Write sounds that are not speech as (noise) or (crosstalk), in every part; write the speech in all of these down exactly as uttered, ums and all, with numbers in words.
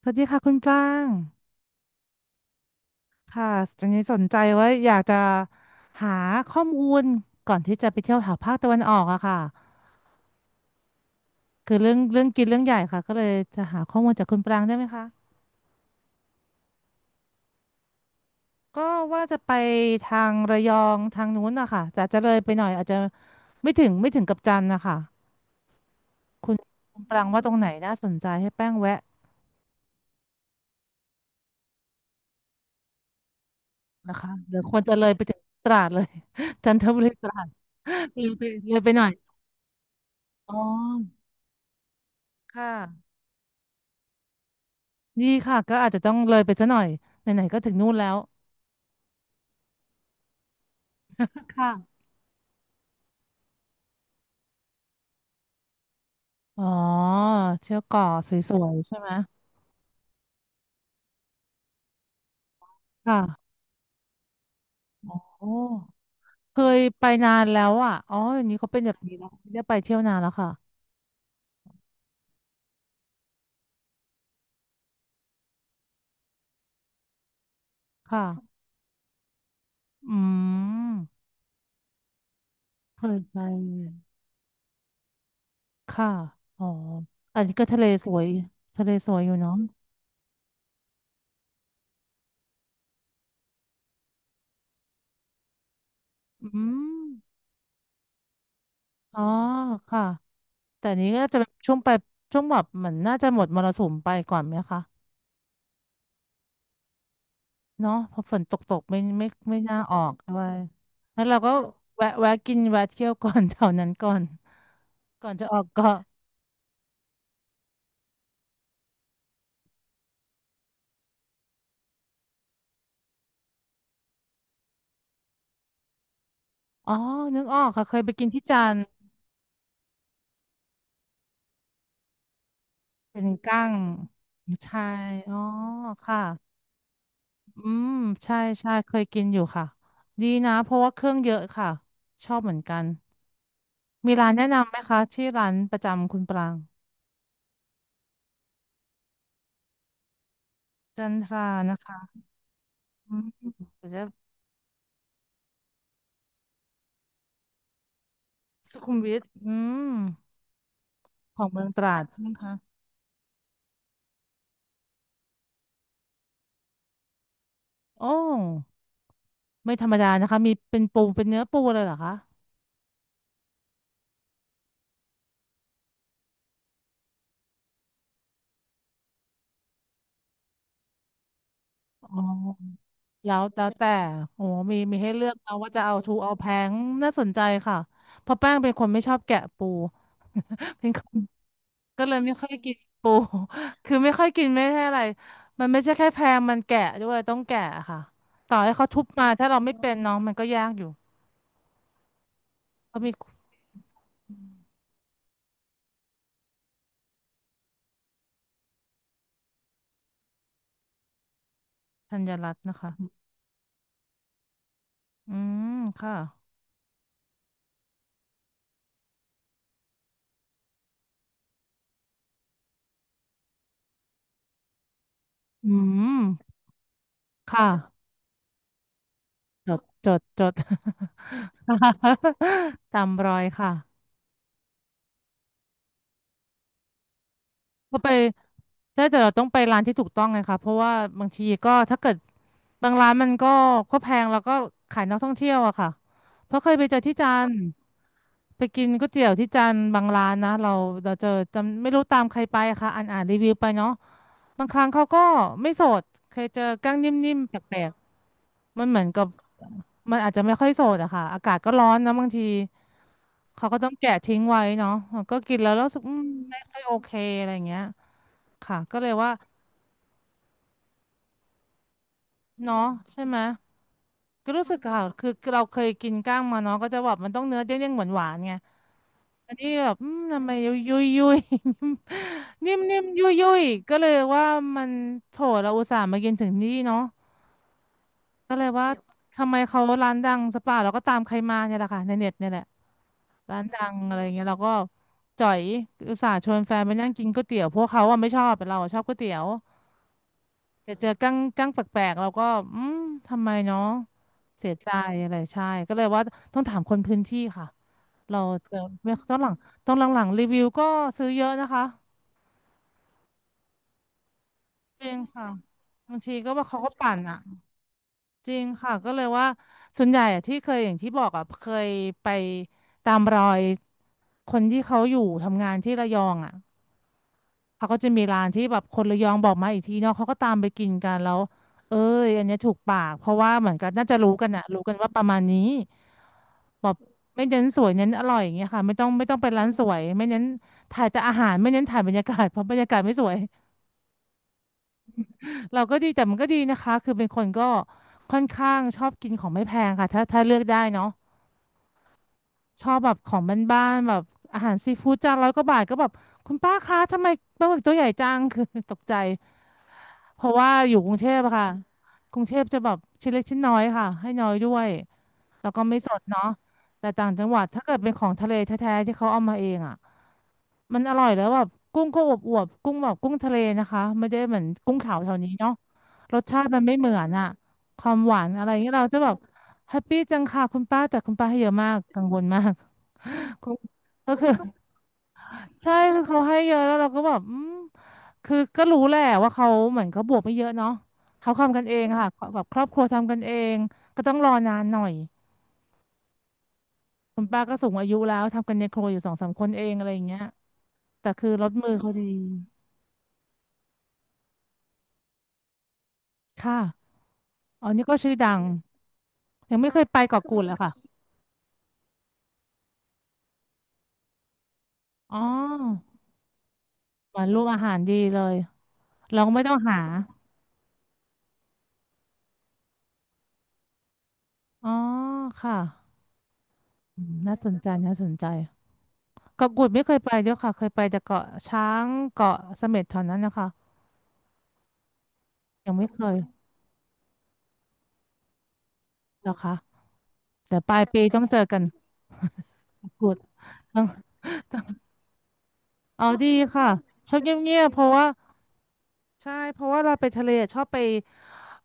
สวัสดีค่ะคุณปลางค่ะตอนนี้สนใจว่าอยากจะหาข้อมูลก่อนที่จะไปเที่ยวแถวภาคตะวันออกอะค่ะคือเรื่องเรื่องกินเรื่องใหญ่ค่ะก็เลยจะหาข้อมูลจากคุณปลางได้ไหมคะก็ว่าจะไปทางระยองทางนู้นอะค่ะแต่จะเลยไปหน่อยอาจจะไม่ถึงไม่ถึงกับจันทร์นะคะคุณคุณปรางว่าตรงไหนน่าสนใจให้แป้งแวะนะคะหรือควรจะเลยไปถึงตราดเลย (laughs) จันทบุรีตราด (laughs) เลยไปเลยไปหน่อยอ๋อค่ะ ดีค่ะก็อาจจะต้องเลยไปซะหน่อยไหนๆก็ถึงนู่นแล้วค่ะอ๋อเที่ยวเกาะสวยๆใช่ไหมค่ะโอ้เคยไปนานแล้วอ่ะอ๋ออย่างนี้เขาเป็นแบบนี้แล้วไม่ได้ไปเที่ยวนานแล้วค่ะค่ะอืมเคยไปค่ะอ๋ออันนี้ก็ทะเลสวยทะเลสวยอยู่เนาะอืมอ๋อค่ะแต่อันนี้ก็จะเป็นช่วงไปช่วงแบบเหมือนน่าจะหมดมรสุมไปก่อนไหมคะ เนาะพอฝนตกตกไม่ไม่ไม่น่าออกด้วยแล้วเราก็แวะแวะกินแวะเที่ยวก่อน (laughs) แถวนั้นก่อนก่อนจะออกเกาะอ๋อนึกออกค่ะเคยไปกินที่จันทร์เป็นกั้งใช่อ๋อค่ะอืมใช่ใช่เคยกินอยู่ค่ะดีนะเพราะว่าเครื่องเยอะค่ะชอบเหมือนกันมีร้านแนะนำไหมคะที่ร้านประจำคุณปรางจันทรานะคะอืมเดี๋ยวจะสุขุมวิทอืมของเมืองตราดใช่ไหมคะโอ้ ไม่ธรรมดานะคะมีเป็นปูเป็นเนื้อปูเลยเหรอคะอ๋อแล้วแล้วแต่โอ้มีมีให้เลือกเอาว่าจะเอาทูเอาแพงน่าสนใจค่ะเพราะแป้งเป็นคนไม่ชอบแกะปู (laughs) เป็นคนก็เลยไม่ค่อยกินปู (laughs) คือไม่ค่อยกินไม่ใช่อะไรมันไม่ใช่แค่แพงมันแกะด้วยต้องแกะค่ะต่อให้เขาทุบมาถ้าเราไม่เป็นน้องมันก็ยากอยู่เขามีธัญรัตน์นะคะอืมค่ะอืมค่ะ จดจดจด (laughs) ตามรอยค่ะก็ไปใช้แต่เราต้องไปร้านที่ถูกต้องไงคะเพราะว่าบางทีก็ถ้าเกิดบางร้านมันก็ก็แพงแล้วก็ขายนักท่องเที่ยวอะค่ะ เพราะเคยไปเจอที่จันทร์ไปกินก๋วยเตี๋ยวที่จันทร์บางร้านนะเราเราเจอจำไม่รู้ตามใครไปอะค่ะอ่านอ่านรีวิวไปเนาะบางครั้งเขาก็ไม่สดเคยเจอกั้งนิ่มๆแปลกๆมันเหมือนกับมันอาจจะไม่ค่อยสดอะค่ะอากาศก็ร้อนนะบางทีเขาก็ต้องแกะทิ้งไว้เนาะก็กินแล้วแล้วรู้สึกอืมไม่ค่อยโอเคอะไรอย่างเงี้ยค่ะก็เลยว่า เนาะใช่ไหมก็รู้สึกค่ะคือเราเคยกินก้างมาเนาะก็จะแบบมันต้องเนื้อเด้งๆหวานๆไงอันนี้แบบอืมทำไมยุยยุยยุย (laughs) นิ่มนิ่มยุยยุยก็เลยว่ามันโถเราอุตส่าห์มากินถึงนี่เนาะก็เลยว่าทำไมเขาร้านดังสปาเราก็ตามใครมาเนี่ยแหละค่ะในเน็ตเนี่ยแหละร้านดังอะไรเงี้ยเราก็จ่อยอุตส่าห์ชวนแฟนไปนั่งกินก๋วยเตี๋ยวพวกเขาอะไม่ชอบแต่เราอะชอบก๋วยเตี๋ยว แต่เจอกั้งกั้งแปลกๆเราก็อืมทำไมเนาะเสียใจอะไรใช่ก็เลยว่าต้องถามคนพื้นที่ค่ะเราเจอไม่ต้องหลังต้องหลังๆรีวิวก็ซื้อเยอะนะคะจริงค่ะบางทีก็ว่าเขาก็ปั่นอ่ะจริงค่ะก็เลยว่าส่วนใหญ่อะที่เคยอย่างที่บอกอ่ะเคยไปตามรอยคนที่เขาอยู่ทำงานที่ระยองอ่ะ เขาก็จะมีร้านที่แบบคนระยองบอกมาอีกทีเนาะเขาก็ตามไปกินกันแล้วเอ้ยอันเนี้ยถูกปากเพราะว่าเหมือนกันน่าจะรู้กันอะรู้กันว่าประมาณนี้แบบไม่เน้นสวยเน้นอร่อยอย่างเงี้ยค่ะไม่ต้องไม่ต้องไปนร้านสวย ไม่เน้นถ่ายแต่อาหารไม่เน้นถ่ายบรรยากาศเพราะบรรยากาศไม่สวยเราก็ดีแต่มันก็ดีนะคะคือเป็นคนก็ค่อนข้างชอบกินของไม่แพงค่ะถ้าถ้าเลือกได้เนาะชอบแบบของบ้านๆแบบอาหารซีฟู้ดจานร้อยกว่าบาทก็แบบคุณป้าคะทำไมปลาหมึกตัวใหญ่จังคือ (laughs) ตกใจ เพราะว่าอยู่กรุงเทพอะค่ะกรุงเทพจะแบบชิ้นเล็กชิ้นน้อยค่ะให้น้อยด้วยแล้วก็ไม่สดเนาะแต่ต่างจังหวัดถ้าเกิดเป็นของทะเลแท้ๆที่เขาเอามาเองอ่ะมันอร่อยแล้วแบบกุ้งก็อวบๆกุ้งแบบกุ้งทะเลนะคะไม่ได้เหมือนกุ้งขาวแถวนี้เนาะรสชาติมันไม่เหมือนอ่ะความหวานอะไรเงี้ยเราจะแบบแฮปปี้จังค่ะคุณป้าแต่คุณป้าให้เยอะมากกังวลมาก (laughs) ก็คือ ใช่คือเขาให้เยอะแล้วเราก็แบบอืมคือก็รู้แหละว่าเขาเหมือนเขาบวกไม่เยอะเนาะเขาทำกันเองค่ะแบบครอบครัวทำกันเองก็ต้องรอนานหน่อยคุณป้าก็สูงอายุแล้วทำกันในครัวอยู่สองสามคนเองอะไรอย่างเงี้ยแต่คือรสมือเขาดีค่ะอ๋อนี่ก็ชื่อดังยังไม่เคยไปเกาะกูดเลยค่ะอ๋อหวานรูปอาหารดีเลยเราก็ไม่ต้องหาอ๋อค่ะอืมน่าสนใจน่าสนใจ เกาะกูดไม่เคยไปด้วยค่ะเคยไปแต่เกาะช้างเกาะเสม็ดเท่านั้นนะคะยังไม่เคยเหรอคะแต่ปลายปีต้องเจอกันเกาะกูดต้องเอาดีค่ะชอบเงียบๆเพราะว่าใช่เพราะว่าเราไปทะเลชอบไป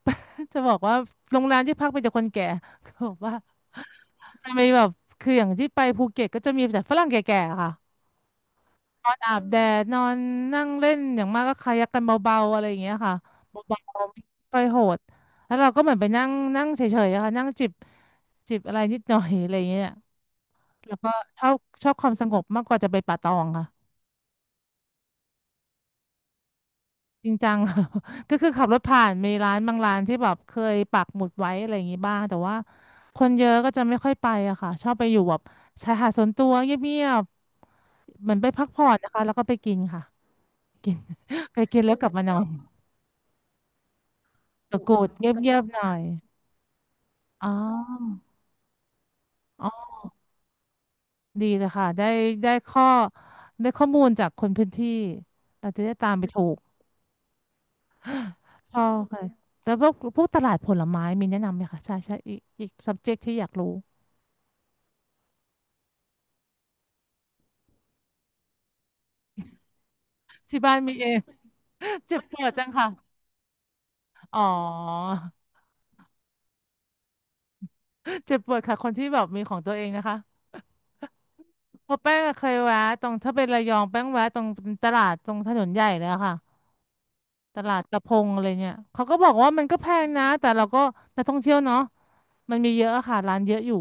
(laughs) จะบอกว่าโรงแรมที่พักไปแต่คนแก่ (laughs) เขาบอกว่ามันมีแบบคืออย่างที่ไปภูเก็ตก็จะมีแต่ฝรั่งแก่ๆค่ะ นอนอาบแดดนอนนั่งเล่นอย่างมากก็คายักกันเบาๆอะไรอย่างเงี้ยค่ะเบาๆไม่ค่อยโหดแล้วเราก็เหมือนไปนั่งนั่งเฉยๆอะค่ะนั่งจิบจิบอะไรนิดหน่อยอะไรอย่างเงี้ยแล้วก็ชอบชอบความสงบมากกว่าจะไปป่าตองค่ะจริงจัง (laughs) ค่ะ (laughs) ก็คือขับรถผ่านมีร้านบางร้านที่แบบเคยปักหมุดไว้อะไรอย่างงี้บ้างแต่ว่าคนเยอะก็จะไม่ค่อยไปอะค่ะชอบไปอยู่แบบชายหาดส่วนตัวเงียบๆเหมือนไปพักผ่อนนะคะแล้วก็ไปกินค่ะกิน (laughs) ไปกินแล้วกลับมานอน ตะกรุดเงียบๆหน่อย อ๋ออ๋อดีเลยค่ะได้ได้ข้อได้ข้อมูลจากคนพื้นที่เราจะได้ตามไปถูก ชอบค่ะแล้วพวกพวกตลาดผลไม้มีแนะนำไหมคะ ใช่ใช่อีกอีก ซับเจ็ค ที่อยากรู้ ที่บ้านมีเอง (laughs) เจ็บปวดจังค่ะ อ๋อ เจ็บปวดค่ะ คนที่แบบมีของตัวเองนะคะเพราะแป้งอะเคยแวะตรงถ้าเป็นระยองแป้งแวะตรงตลาดตรงถนนใหญ่เลยอะค่ะ ตลาดกระพงอะไรเนี่ยเขาก็บอกว่ามันก็แพงนะแต่เราก็นักท่องเที่ยวเนาะ มันมีเยอะอะค่ะร้านเยอะอยู่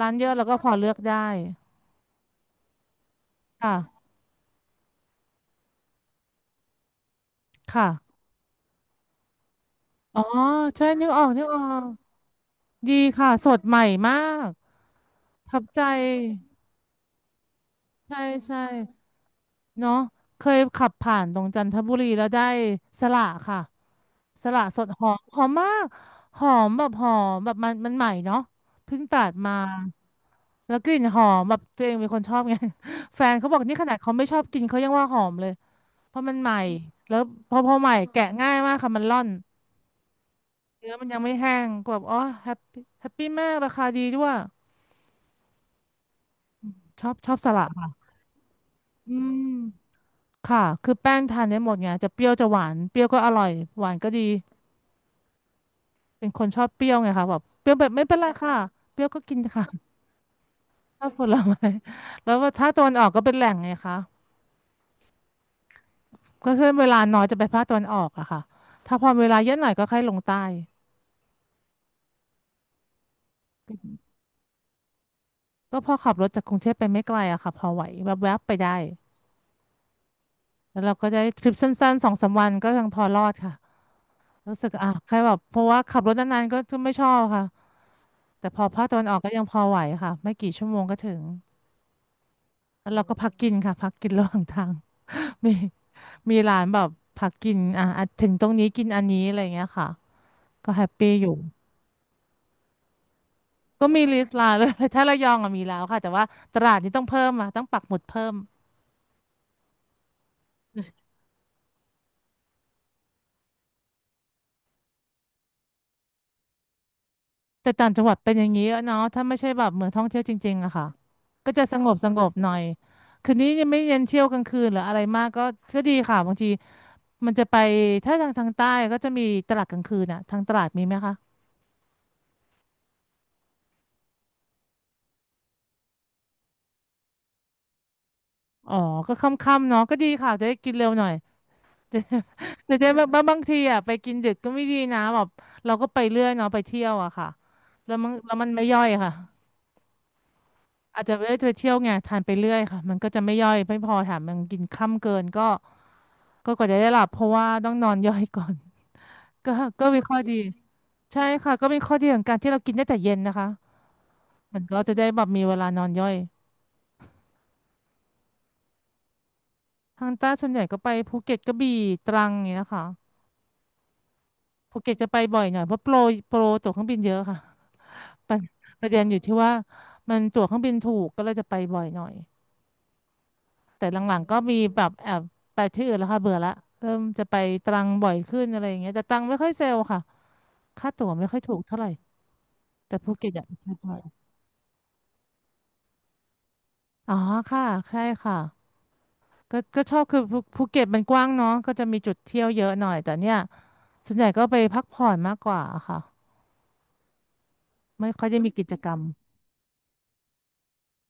ร้านเยอะแล้วก็พอเลือกได้ค่ะค่ะอ๋อใช่นึกออกนึกออกดีค่ะสดใหม่มากทับใจใช่ใช่เนาะเคยขับผ่านตรงจันทบุรีแล้วได้สละค่ะสละสดหอมหอมมากหอมแบบหอมแบบมันมันใหม่เนาะเพิ่งตัดมาแล้วกลิ่นหอมแบบตัวเองเป็นคนชอบไง (laughs) แฟนเขาบอกนี่ขนาดเขาไม่ชอบกินเขายังว่าหอมเลย เพราะมันใหม่แล้วพอพอใหม่แกะง่ายมากค่ะมันร่อนเนื้อมันยังไม่แห้งก็แบบอ๋อแฮปปี้แฮปปี้มากราคาดีด้วยชอบชอบสลัดค่ะอืมค่ะคือแป้งทานได้หมดไงจะเปรี้ยวจะหวานเปรี้ยวก็อร่อยหวานก็ดีเป็นคนชอบเปรี้ยวไงค่ะแบบเปรี้ยวแบบไม่เป็นไรค่ะเปรี้ยวก็กินค่ะ (laughs) ชอบผลไม้แล้วว่าถ้าตะวันออกก็เป็นแหล่งไงคะก็คือเวลาน้อยจะไปภาคตะวันออกอะค่ะถ้าพอเวลาเยอะหน่อยก็ค่อยลงใต้ก็พอขับรถจากกรุงเทพไปไม่ไกลอะค่ะพอไหวแวบๆไปได้ แล้วเราก็ได้ทริปสั้นๆสองสามวันก็ยังพอรอดค่ะรู้สึกอ่ะใครแบบเพราะว่าขับรถนานๆก็จะไม่ชอบค่ะแต่พอภาคตะวันออกก็ยังพอไหวค่ะไม่กี่ชั่วโมงก็ถึงแล้วเราก็พักกินค่ะพักกินระหว่างทาง (laughs) มีมีร้านแบบพักกินอ่ะอ่ะถึงตรงนี้กินอันนี้อะไรอย่างเงี้ยค่ะก็แฮปปี้อยู่ก็มีลิสต์ร้าน (laughs) เลย (laughs) ถ้าระยองอะมีแล้วค่ะแต่ว่าตราดนี้ต้องเพิ่มอ่ะต้องปักหมุดเพิ่ม แต่ต่างจังหวัดเป็นอย่างนี้อะเนาะถ้าไม่ใช่แบบเหมือนท่องเที่ยวจริงๆอะค่ะก็จะสงบสงบหน่อยคืนนี้ยังไม่เน้นเที่ยวกลางคืนหรืออะไรมากก็ก็ดีค่ะบางทีมันจะไปถ้าทางทางใต้ก็จะมีตลาดกลางคืนอะทางตลาดมีไหมคะอ๋อก็ค่ำๆเนาะก็ดีค่ะจะได้กินเร็วหน่อยแต่ได้บางบางทีอะไปกินดึกก็ไม่ดีนะแบบเราก็ไปเรื่อยเนาะไปเที่ยวอะค่ะแล้วมันแล้วมันไม่ย่อยค่ะอาจจะไม่ได้ไปเที่ยวไงทานไปเรื่อยค่ะมันก็จะไม่ย่อยไม่พอแถมมันกินค่ำเกินก็ ก็กว่าจะได้หลับเพราะว่าต้องนอนย่อยก่อน (laughs) ก็ก็มีข้อดีใช่ค่ะก็มีข้อดีของการที่เรากินได้แต่เย็นนะคะมันก็จะได้แบบมีเวลานอนย่อยทางใต้ส่วนใหญ่ก็ไปภูเก็ตกระบี่ตรังอย่างเงี้ยนะคะภูเก็ตจะไปบ่อยหน่อยเพราะโปรโปรตั๋วเครื่องบินเยอะค่ะ (laughs) ปะประเด็นอยู่ที่ว่ามันตั๋วเครื่องบินถูกก็เลยจะไปบ่อยหน่อยแต่หลังๆก็มีแบบแอบไปที่อื่นแล้วค่ะเบื่อละเริ่มจะไปตรังบ่อยขึ้นอะไรอย่างเงี้ยแต่ตรังไม่ค่อยเซลล์ค่ะค่าตั๋วไม่ค่อยถูกเท่าไหร่แต่ภูเก็ตอยากไปเี่ยบ่อย อ๋อค่ะใช่ค่ะก็ก็ชอบคือภูภูเก็ตมันกว้างเนาะก็จะมีจุดเที่ยวเยอะหน่อยแต่เนี่ยส่วนใหญ่ก็ไปพักผ่อนมากกว่าค่ะไม่ค่อยได้มีกิจกรรม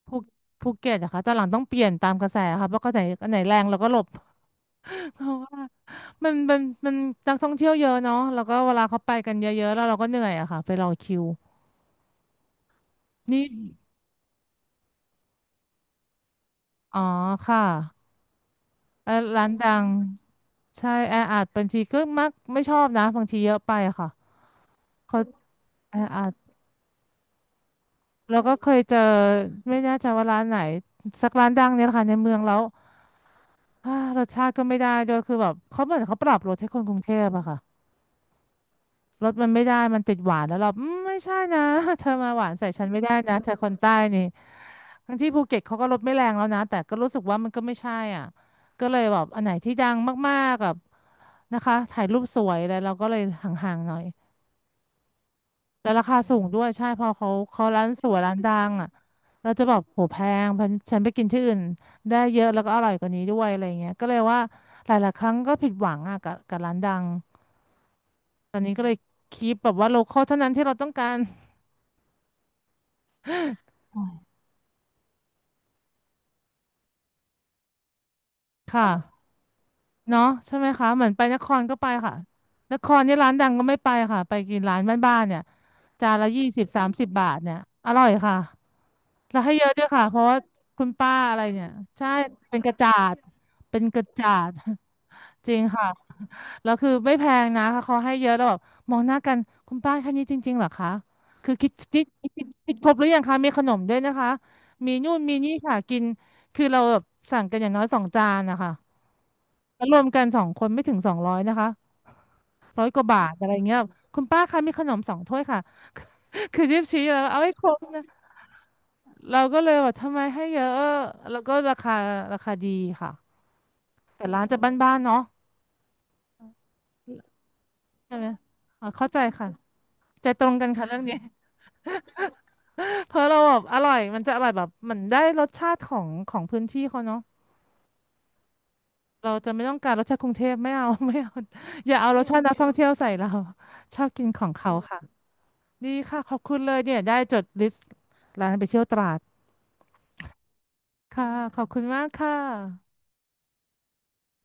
ภูภูเก็ตอะค่ะตอนหลังต้องเปลี่ยนตามกระแสค่ะเพราะก็ไหนอันไหนแรงเราก็หลบ (laughs) เพราะว่ามันมันมันนักท่องเที่ยวเยอะเนาะแล้วก็เวลาเขาไปกันเยอะๆแล้วเราก็เหนื่อยอะค่ะไปรอคิวนี่อ๋อค่ะเอ่อร้านดังใช่แออัดบางทีก็มักไม่ชอบนะบางทีเยอะไปอะค่ะเขาแออัด เราก็เคยเจอไม่แน่ใจว่าร้านไหนสักร้านดังเนี่ยแหละค่ะในเมืองแล้ว (sighs) อ่ารสชาติก็ไม่ได้ด้วยคือแบบเขาเหมือนเขาปรับรสให้คนกรุงเทพอะค่ะรสมันไม่ได้มันติดหวานแล้วเราอืมไม่ใช่นะ (laughs) เธอมาหวานใส่ฉันไม่ได้นะเธอคนใต้นี่ทั้งที่ภูเก็ตเขาก็รสไม่แรงแล้วนะแต่ก็รู้สึกว่ามันก็ไม่ใช่อ่ะก็เลยแบบอันไหนที่ดังมากๆกับนะคะถ่ายรูปสวยแลไรเราก็เลยห่างๆหน่อย แล้วราคาสูงด้วยใช่พอเขาเขาร้านสวยร้านดังอ่ะเราจะแบบโหแพงเพราะฉันไปกินที่อื่นได้เยอะแล้วก็อร่อยกว่านี้ด้วยอะไรเงี้ยก็เลยว่าหลายๆครั้งก็ผิดหวังอ่ะกับกับร้านดังตอนนี้ก็เลยคีปแบบว่าโลคอลเท่านั้นที่เราต้องการค่ะ เนาะใช่ไหมคะเหมือนไปนครก็ไปค่ะนครเนี่ยร้านดังก็ไม่ไปค่ะไปกินร้านบ้านๆเนี่ยจานละยี่สิบสามสิบบาทเนี่ยอร่อยค่ะแล้วให้เยอะด้วยค่ะเพราะว่าคุณป้าอะไรเนี่ยใช่เป็นกระจาดเป็นกระจาด (laughs) จริงค่ะแล้วคือไม่แพงนะเขาให้เยอะแล้วแบบมองหน้ากันคุณป้าแค่นี้จริงๆเหรอคะคือคิดคิดคิดคิดครบหรือยังคะมีขนมด้วยนะคะมีนู่นมีนี่ค่ะกินคือเราแบบสั่งกันอย่างน้อยสองจานนะคะ แล้วรวมกันสองคนไม่ถึงสองร้อยนะคะร้อยกว่าบาทอะไรเงี้ยคุณป้าคะมีขนมสองถ้วยค่ะ (laughs) คือจิ๊บชี้แล้วเอาให้ครบนะเราก็เลยว่าทำไมให้เยอะแล้วก็ราคาราคาดีค่ะแต่ร้านจะบ้านๆเนาะใช่ไหมอ่าเข้าใจค่ะใจตรงกันค่ะเรื่องนี้ (laughs) เพราะเราแบบอร่อยมันจะอร่อยแบบมันได้รสชาติของของพื้นที่เขาเนาะเราจะไม่ต้องการรสชาติกรุงเทพไม่เอา (laughs) ไม่เอาอย่าเอารสชาตินักท่องเที่ยวใส่เราชอบกินของเขาค่ะ ดีค่ะขอบคุณเลยเนี่ยได้จดลิสต์ร้านไปเที่ยวตราดค่ะขอบคุณมากค่ะ